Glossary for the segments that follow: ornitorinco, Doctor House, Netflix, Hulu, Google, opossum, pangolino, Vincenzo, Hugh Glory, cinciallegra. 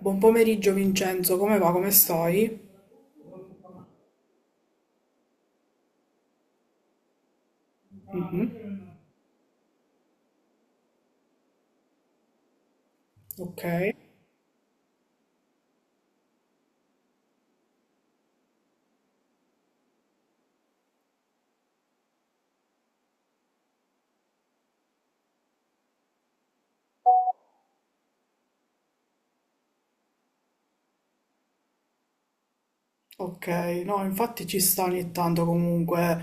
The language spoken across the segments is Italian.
Buon pomeriggio Vincenzo, come va? Come stai? Mhm. Ok, ok, no, infatti ci sta ogni tanto comunque,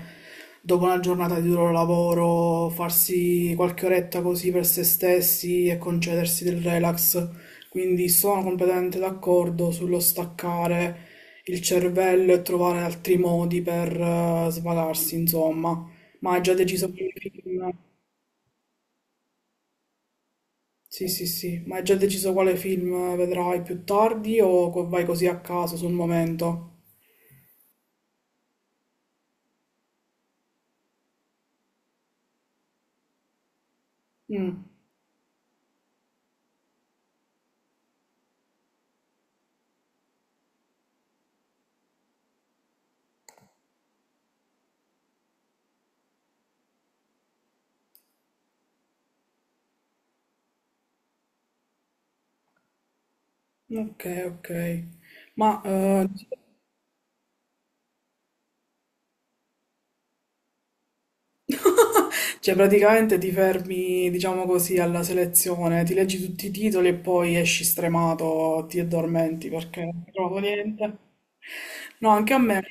dopo una giornata di duro lavoro, farsi qualche oretta così per se stessi e concedersi del relax. Quindi sono completamente d'accordo sullo staccare il cervello e trovare altri modi per svagarsi, insomma. Ma hai già deciso per il film? Sì, sì, sì, ma hai già deciso quale film vedrai più tardi o vai così a caso sul momento? Mm. Ok, ok. Ma eh, cioè praticamente ti fermi, diciamo così, alla selezione, ti leggi tutti i titoli e poi esci stremato, ti addormenti perché non hai trovato niente. No, anche a me.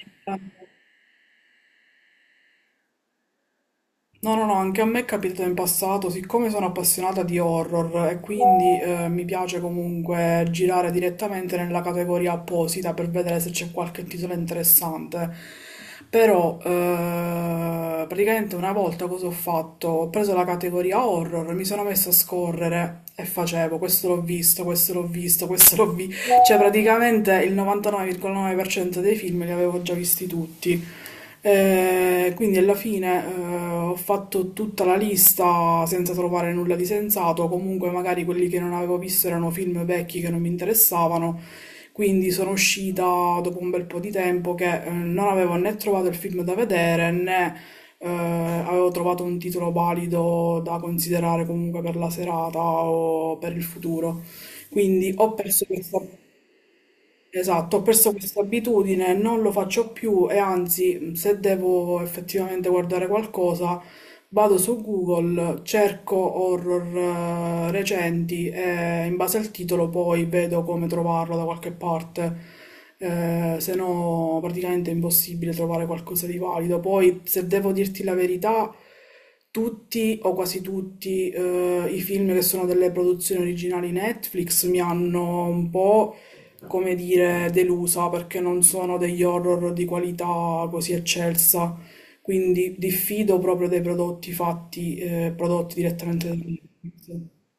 No, no, no, anche a me è capitato in passato, siccome sono appassionata di horror e quindi mi piace comunque girare direttamente nella categoria apposita per vedere se c'è qualche titolo interessante. Però praticamente una volta cosa ho fatto? Ho preso la categoria horror, mi sono messa a scorrere e facevo questo l'ho visto, questo l'ho visto, questo l'ho visto. Cioè, praticamente il 99,9% dei film li avevo già visti tutti. Quindi alla fine ho fatto tutta la lista senza trovare nulla di sensato. Comunque, magari quelli che non avevo visto erano film vecchi che non mi interessavano. Quindi sono uscita dopo un bel po' di tempo che non avevo né trovato il film da vedere né avevo trovato un titolo valido da considerare comunque per la serata o per il futuro. Quindi ho perso questa. Esatto, ho perso questa abitudine, non lo faccio più e anzi, se devo effettivamente guardare qualcosa, vado su Google, cerco horror recenti e in base al titolo poi vedo come trovarlo da qualche parte. Se no, praticamente è impossibile trovare qualcosa di valido. Poi, se devo dirti la verità, tutti o quasi tutti i film che sono delle produzioni originali Netflix mi hanno un po' come dire, delusa perché non sono degli horror di qualità così eccelsa, quindi diffido proprio dei prodotti fatti, prodotti direttamente da Netflix.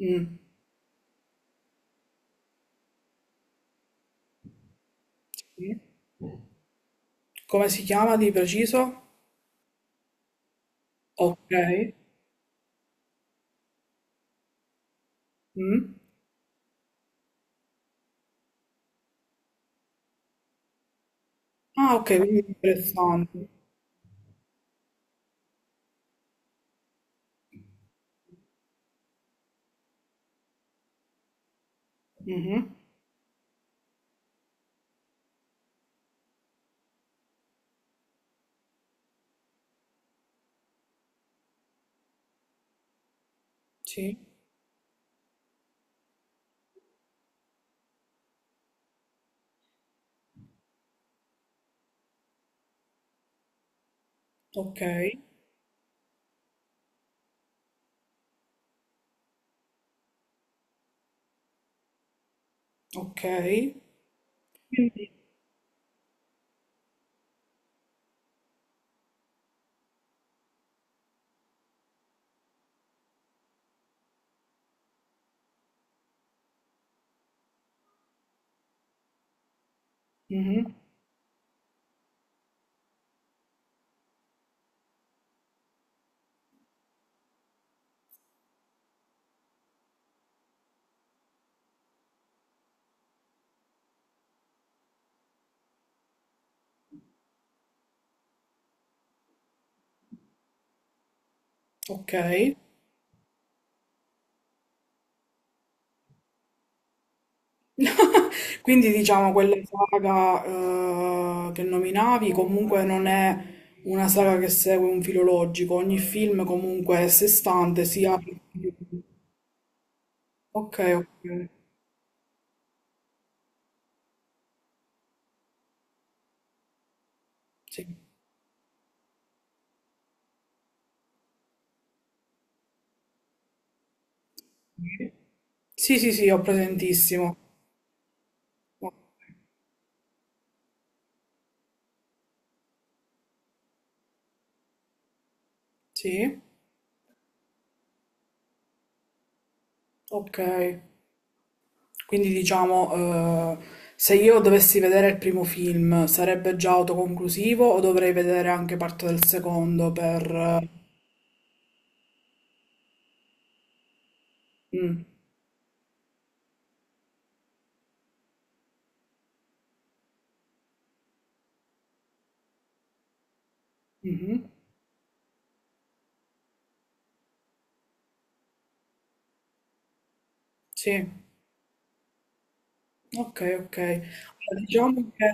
Mm. Sì. Come si chiama di preciso? Ok. Mm. Ah, ok, quindi è interessante. Mhm. Sì, ok, ok. Quindi. Mhm. Ok. Quindi diciamo quella saga che nominavi comunque non è una saga che segue un filo logico, ogni film comunque è a sé stante, si apre. Ok, ok. Sì. Sì, sì, sì, ho presentissimo. Sì, ok. Quindi diciamo, se io dovessi vedere il primo film, sarebbe già autoconclusivo o dovrei vedere anche parte del secondo per. eh, mm. Mhm. Sì. Ok, ok. Allora, diciamo che,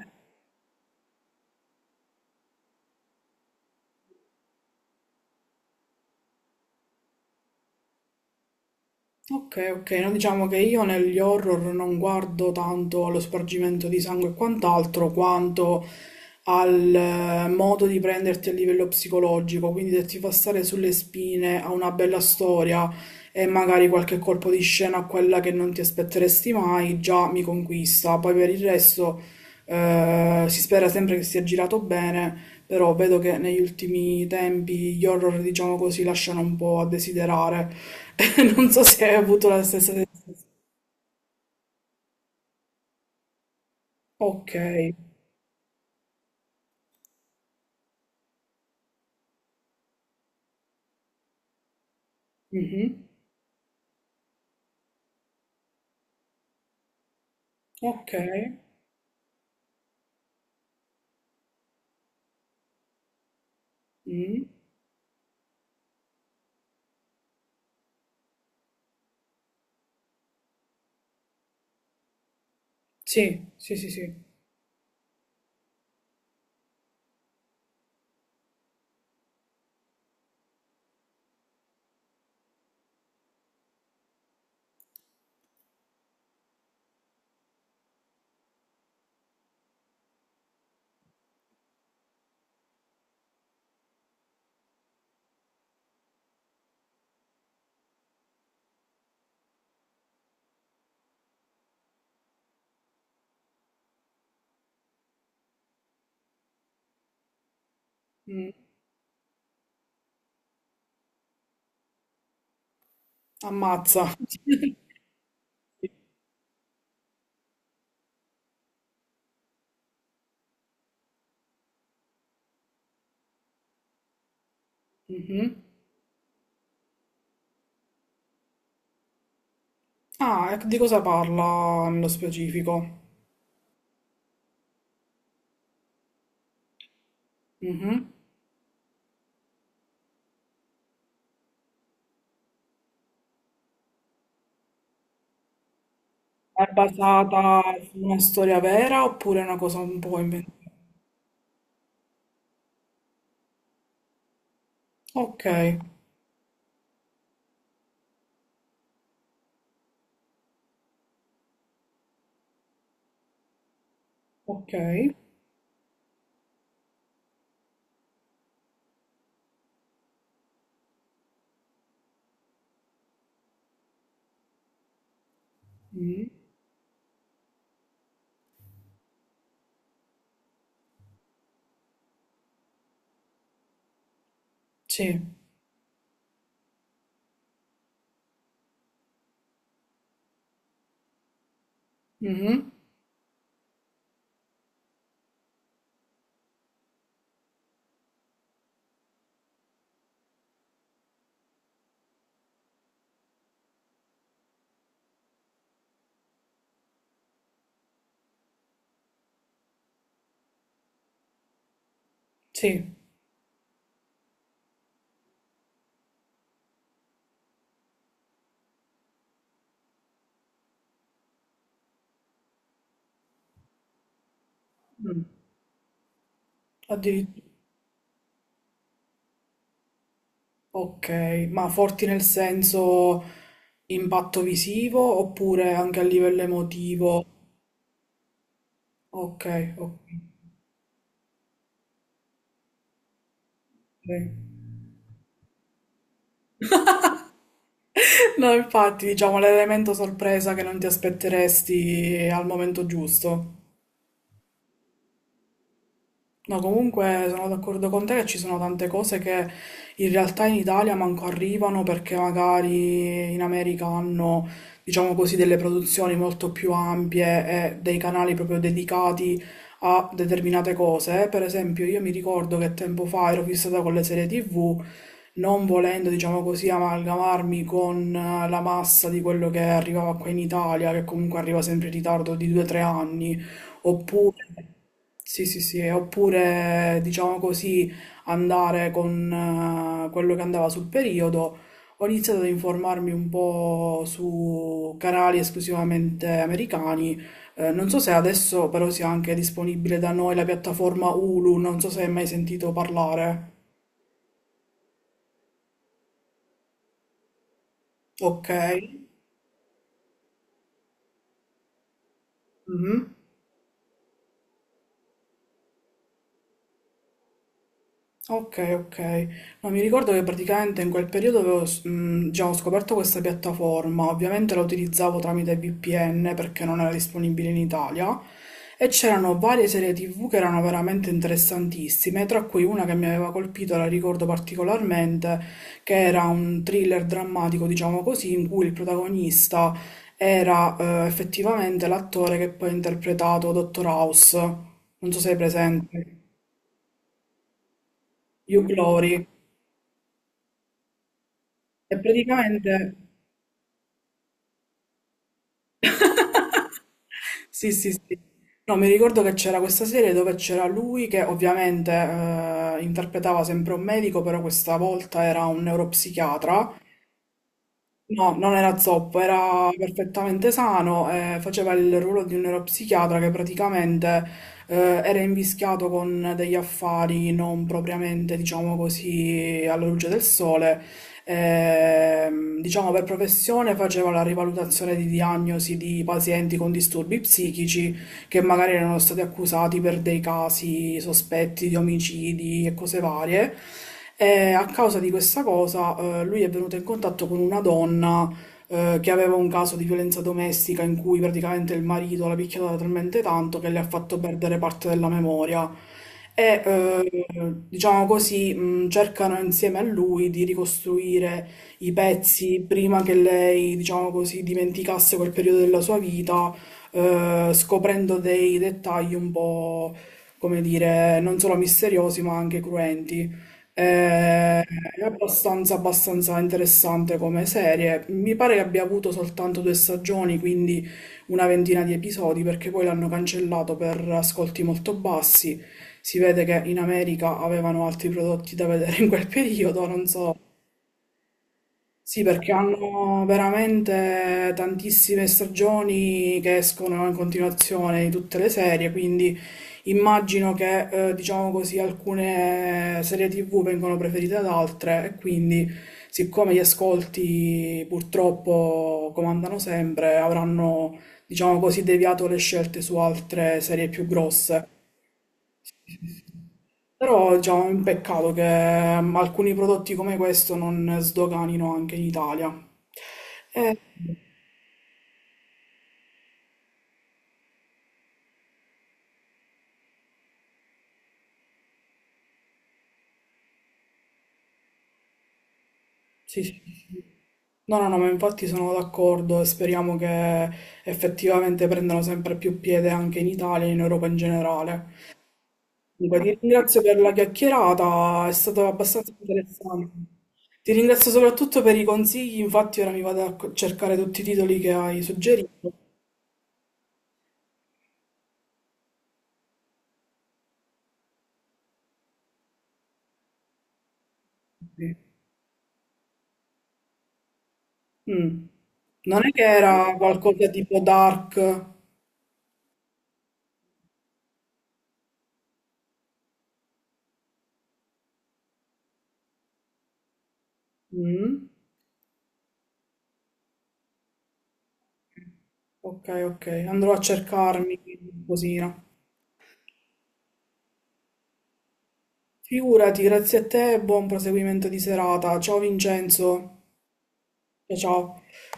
ok, ok, no, diciamo che io negli horror non guardo tanto allo spargimento di sangue e quant'altro, quanto al modo di prenderti a livello psicologico, quindi se ti fa stare sulle spine a una bella storia e magari qualche colpo di scena a quella che non ti aspetteresti mai, già mi conquista. Poi per il resto si spera sempre che sia girato bene. Però vedo che negli ultimi tempi gli horror, diciamo così, lasciano un po' a desiderare. Non so se hai avuto la stessa sensazione. Ok. Mhm. Ok. Mm. Sì, sì, sì, sì. Mm. Ammazza. Mhm. Ah, e di cosa parla nello specifico? Mhm. È basata su una storia vera oppure è una cosa un po' inventata? Ok, ok. Mm. Sì. Mhm. Sì. Mm. Addirittura. Ok, ma forti nel senso impatto visivo oppure anche a livello emotivo? Ok, ok. Ok. No, infatti, diciamo l'elemento sorpresa che non ti aspetteresti al momento giusto. No, comunque sono d'accordo con te che ci sono tante cose che in realtà in Italia manco arrivano perché magari in America hanno, diciamo così, delle produzioni molto più ampie e dei canali proprio dedicati a determinate cose. Per esempio, io mi ricordo che tempo fa ero fissata con le serie TV, non volendo, diciamo così, amalgamarmi con la massa di quello che arrivava qua in Italia, che comunque arriva sempre in ritardo di 2 tre anni, oppure. Sì, sì, sì, e oppure diciamo così andare con quello che andava sul periodo. Ho iniziato ad informarmi un po' su canali esclusivamente americani. Non so se adesso però sia anche disponibile da noi la piattaforma Hulu, non so se hai mai sentito parlare. Ok. Mhm. Ok, ok. No, mi ricordo che praticamente in quel periodo avevo, già ho scoperto questa piattaforma, ovviamente la utilizzavo tramite VPN perché non era disponibile in Italia e c'erano varie serie TV che erano veramente interessantissime, tra cui una che mi aveva colpito, la ricordo particolarmente, che era un thriller drammatico, diciamo così, in cui il protagonista era effettivamente l'attore che poi ha interpretato Dottor House, non so se è presente, Hugh Glory. E praticamente. Sì, sì, sì. No, mi ricordo che c'era questa serie dove c'era lui che ovviamente interpretava sempre un medico, però questa volta era un neuropsichiatra. No, non era zoppo, era perfettamente sano, faceva il ruolo di un neuropsichiatra che praticamente eh, era invischiato con degli affari non propriamente, diciamo così, alla luce del sole. Diciamo per professione faceva la rivalutazione di diagnosi di pazienti con disturbi psichici che magari erano stati accusati per dei casi sospetti di omicidi e cose varie. E a causa di questa cosa, lui è venuto in contatto con una donna, che aveva un caso di violenza domestica in cui praticamente il marito l'ha picchiata talmente tanto che le ha fatto perdere parte della memoria. E, diciamo così, cercano insieme a lui di ricostruire i pezzi prima che lei, diciamo così, dimenticasse quel periodo della sua vita scoprendo dei dettagli un po', come dire, non solo misteriosi ma anche cruenti. È abbastanza, abbastanza interessante come serie. Mi pare che abbia avuto soltanto due stagioni, quindi una ventina di episodi, perché poi l'hanno cancellato per ascolti molto bassi. Si vede che in America avevano altri prodotti da vedere in quel periodo, non so sì, perché hanno veramente tantissime stagioni che escono in continuazione di tutte le serie, quindi immagino che, diciamo così, alcune serie TV vengono preferite ad altre e quindi, siccome gli ascolti purtroppo comandano sempre, avranno, diciamo così, deviato le scelte su altre serie più grosse. Però già è un peccato che alcuni prodotti come questo non sdoganino anche in Italia. Eh, sì, sì. Sì, sì. No, no, no, ma infatti sono d'accordo e speriamo che effettivamente prendano sempre più piede anche in Italia e in Europa in generale. Comunque, ti ringrazio per la chiacchierata, è stato abbastanza interessante. Ti ringrazio soprattutto per i consigli, infatti ora mi vado a cercare tutti i titoli che hai suggerito. Sì. Mm. Non è che era qualcosa tipo dark? Mm. Ok, ok, andrò a cercarmi qualcosina. Figurati, grazie a te e buon proseguimento di serata. Ciao Vincenzo. Ciao ciao.